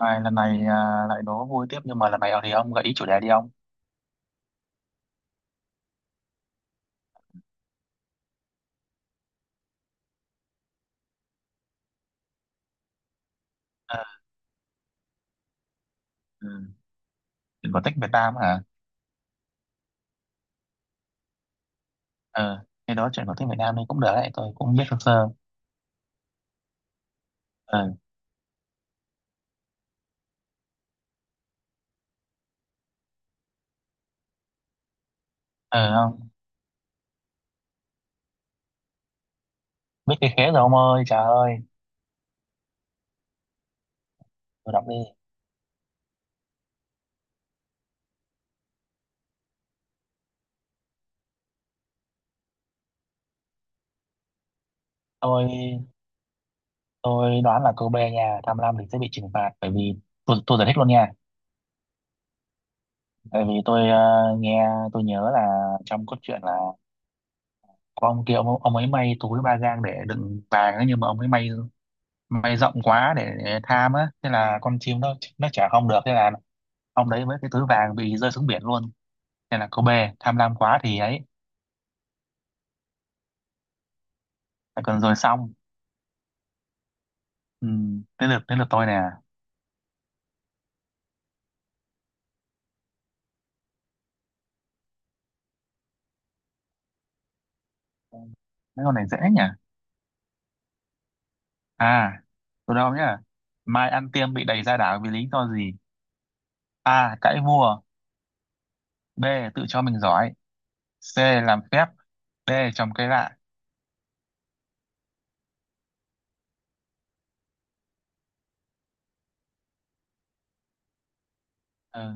Này, lần này à, lại đố vui tiếp nhưng mà lần này ở thì ông gợi ý chủ đề đi ông. Ờ. Ừ. Chuyện cổ tích Việt Nam hả? Ờ Cái đó chuyện cổ tích Việt Nam thì cũng được đấy, tôi cũng biết sơ sơ. Ờ. Ờ không? Biết cái khế rồi ông ơi, trời ơi. Tôi đọc đi. Tôi tôi đoán là câu B nha, tham lam thì sẽ bị trừng phạt, bởi vì tôi giải thích luôn nha. Tại vì tôi nghe, tôi nhớ là trong cốt truyện là có ông kia ông ấy may túi ba gang để đựng vàng ấy, nhưng mà ông ấy may rộng quá để tham á, thế là con chim nó chả không được, thế là ông đấy với cái túi vàng bị rơi xuống biển luôn, nên là cô B tham lam quá thì ấy là còn rồi xong. Ừ, đến lượt tôi nè. Mấy con này dễ nhỉ. À, tôi đâu nhá. Mai Ăn Tiêm bị đày ra đảo vì lý do gì? A, cãi vua. B, tự cho mình giỏi. C, làm phép. D, trồng cây lạ. Ờ,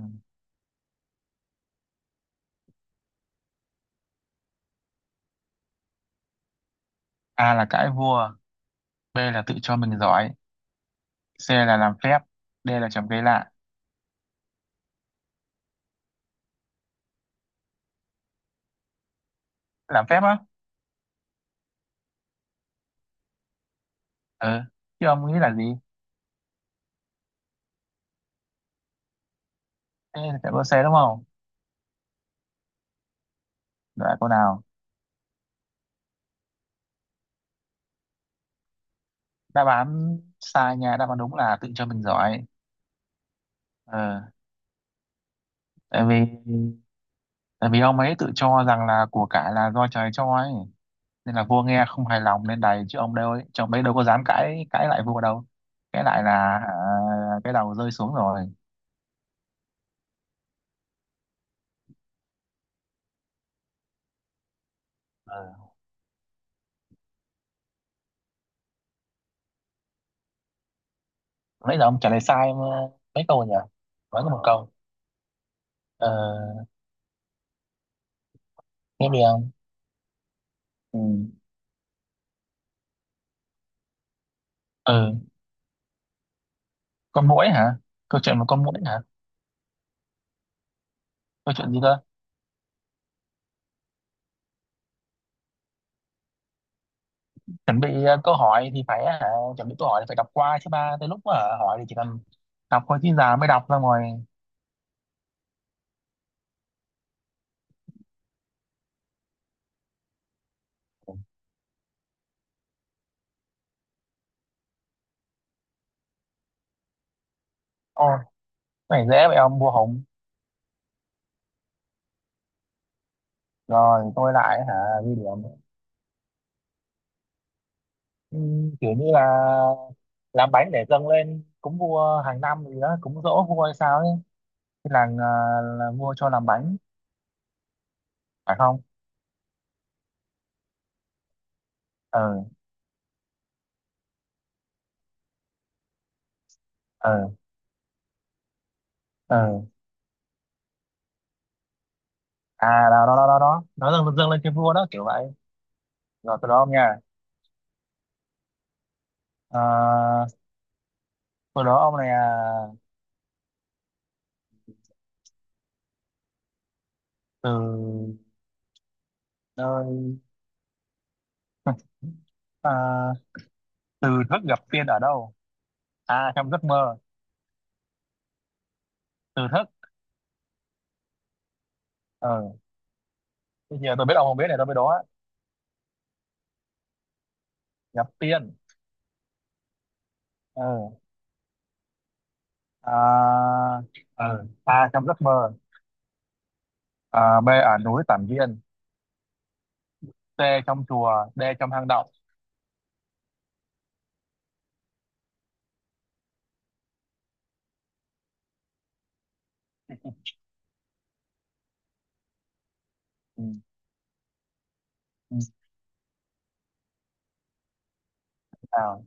A là cãi vua. B là tự cho mình giỏi. C là làm phép. D là trồng cây lạ. Làm phép á. Ừ, chứ ông nghĩ là gì? Thế là phải có C đúng không? Lại câu nào? Đáp án sai nha, đáp án đúng là tự cho mình giỏi. Ờ, tại vì, tại vì ông ấy tự cho rằng là của cải là do trời cho ấy, nên là vua nghe không hài lòng nên đày chứ ông đâu ấy, chứ ông ấy đâu có dám cãi cãi lại vua đâu. Cãi lại là, à, cái đầu rơi xuống rồi. Ờ. Nãy giờ ông trả lời sai mà. Mấy câu nhỉ? Vẫn có một câu. Ờ, tiếp đi ông. Ừ. Ừ. Con muỗi hả? Câu chuyện một con muỗi hả? Câu chuyện gì cơ? Chuẩn bị câu hỏi thì phải hả, chuẩn bị câu hỏi thì phải đọc qua chứ, ba tới lúc mà hỏi thì chỉ cần đọc thôi chứ già mới đọc ra ngoài. Ôi, cái này dễ vậy, ông vua Hùng. Rồi tôi lại hả? Ghi điểm. Kiểu như là làm bánh để dâng lên cúng vua hàng năm gì đó, cúng giỗ vua hay sao ấy. Cái làng ờ, là vua cho làm bánh phải không? Ừ. Ừ. Ừ. À, đó đó đó đó đó, nó dâng lên cho vua đó kiểu vậy. Rồi từ đó ông nha. Ờ, từ đó ông này à, từ nơi à, từ Thức gặp tiên ở đâu? À trong giấc mơ. Từ Thức. Ờ, bây giờ tôi biết ông không biết, này tôi biết đó. Gặp tiên. Ờ. À, ờ, A, trong giấc mơ. À, B, ở núi Tản Viên. C, trong chùa. D, trong hang động. Ừ. Ừ. À,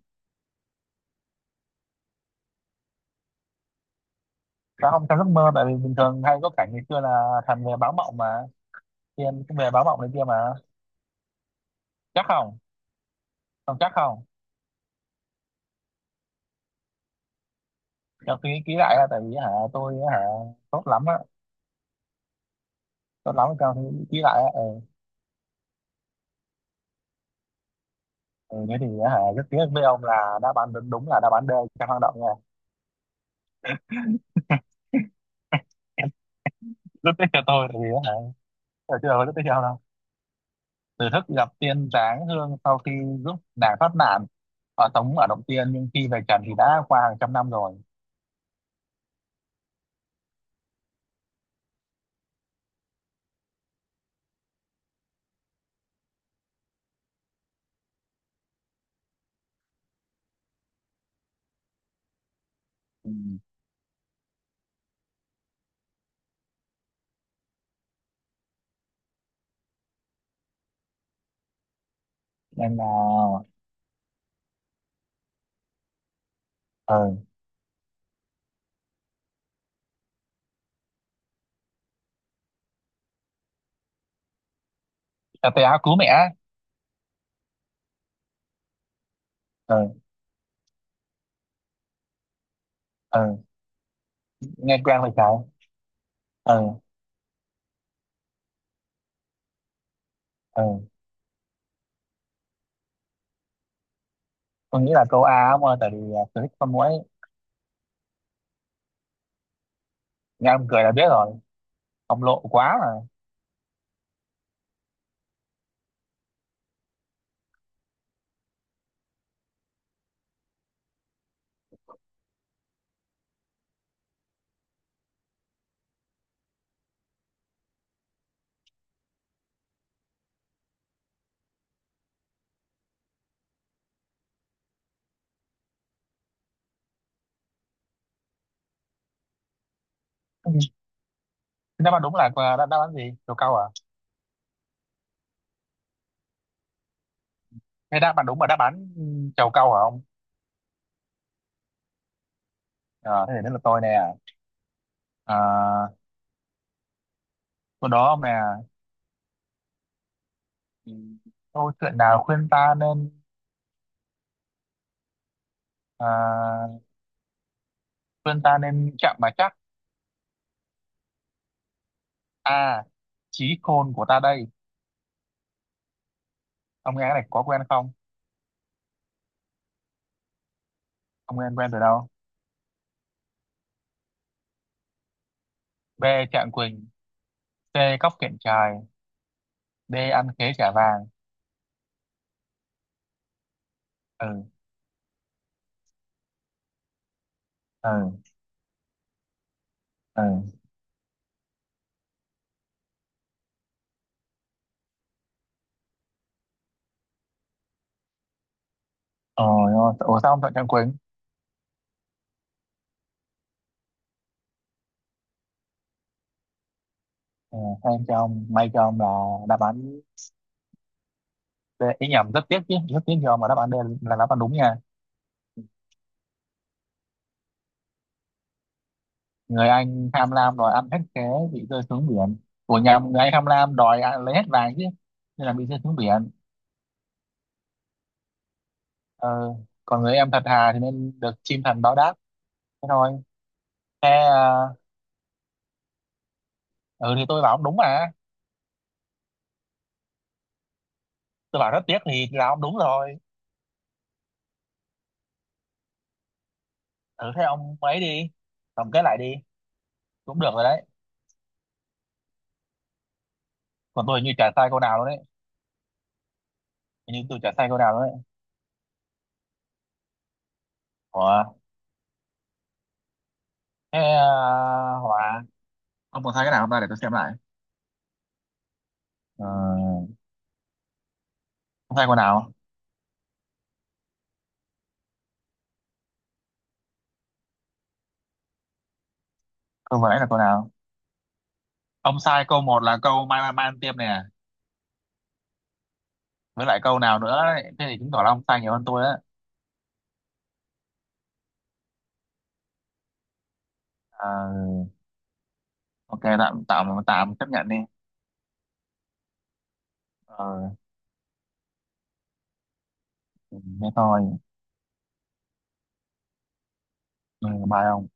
sao không trong giấc mơ, tại vì bình thường hay có cảnh ngày xưa là thần về báo mộng mà, tiên cũng về báo mộng này kia mà. Chắc không? Không chắc không, cho tôi nghĩ kỹ lại á, tại vì hả, tôi hả, tốt lắm á, tốt lắm, cho tôi nghĩ kỹ lại á. Ừ. Ừ, thế thì á hả, rất tiếc với ông là đáp án đúng, đúng là đáp án D, trong hang động nha. Em rất tiếc cho tôi tại vì á hả, tôi chưa rất tiếc cho ông đâu. Từ Thức gặp tiên Giáng Hương sau khi giúp nàng thoát nạn ở tống ở động tiên, nhưng khi về trần thì đã qua hàng trăm năm rồi. Ừ. Nên là. Ờ. Ừ. Tôi áo cứu mẹ á. Ờ. Ờ, nghe quen vậy trái. Ờ. Ờ, tôi nghĩ là câu A ông ơi, tại vì à, tôi thích con muỗi, nghe ông cười là biết rồi. Ông lộ quá mà. Ừ. Đáp án đúng là à, đáp đáp án gì câu câu à? Cái đáp bạn đúng là đáp án ừ, trầu cau hả ông? Ờ, thế thì đến là tôi nè. À, sau đó ông nè, ừ, câu chuyện nào khuyên ta nên à, khuyên ta nên chậm mà chắc? A, Chí Khôn Của Ta Đây. Ông nghe cái này có quen không? Ông nghe quen từ đâu? B, Trạng Quỳnh. C, Cóc Kiện Trài. D, Ăn Khế Trả Vàng. Ừ. Ừ. Ừ. Ôi, ôi, ủa sao ông chọn Trạng Quỳnh? Ừ, hay cho ông, may cho ông là đáp án D. Ý nhầm, rất tiếc chứ, rất tiếc cho ông mà đáp án D là đáp án đúng nha. Người anh tham lam đòi ăn hết, thế bị rơi xuống biển. Của nhà người anh tham lam đòi ăn, lấy hết vàng chứ, nên là bị rơi xuống biển. Ờ, còn người em thật thà thì nên được chim thần báo đáp, thế thôi. Thế à, ừ thì tôi bảo ông đúng mà. Tôi bảo rất tiếc thì là ông đúng rồi. Thử thế ông ấy đi, tổng kết lại đi. Cũng được rồi đấy. Còn tôi hình như chả sai câu nào luôn đấy. Hình như tôi chả sai câu nào luôn đấy. Ủa, thế à, hòa. Ông còn sai cái nào không ta, để tôi xem lại. Ờ, không sai câu nào. Câu vừa nãy là câu nào? Ông sai câu một là câu mai mai mai ăn tiêm này à. Với lại câu nào nữa ấy. Thế thì chứng tỏ là ông sai nhiều hơn tôi á. Ờ, ok, tạm tạm tạm chấp nhận đi. Ờ, thế thôi. Ừ, bye ông.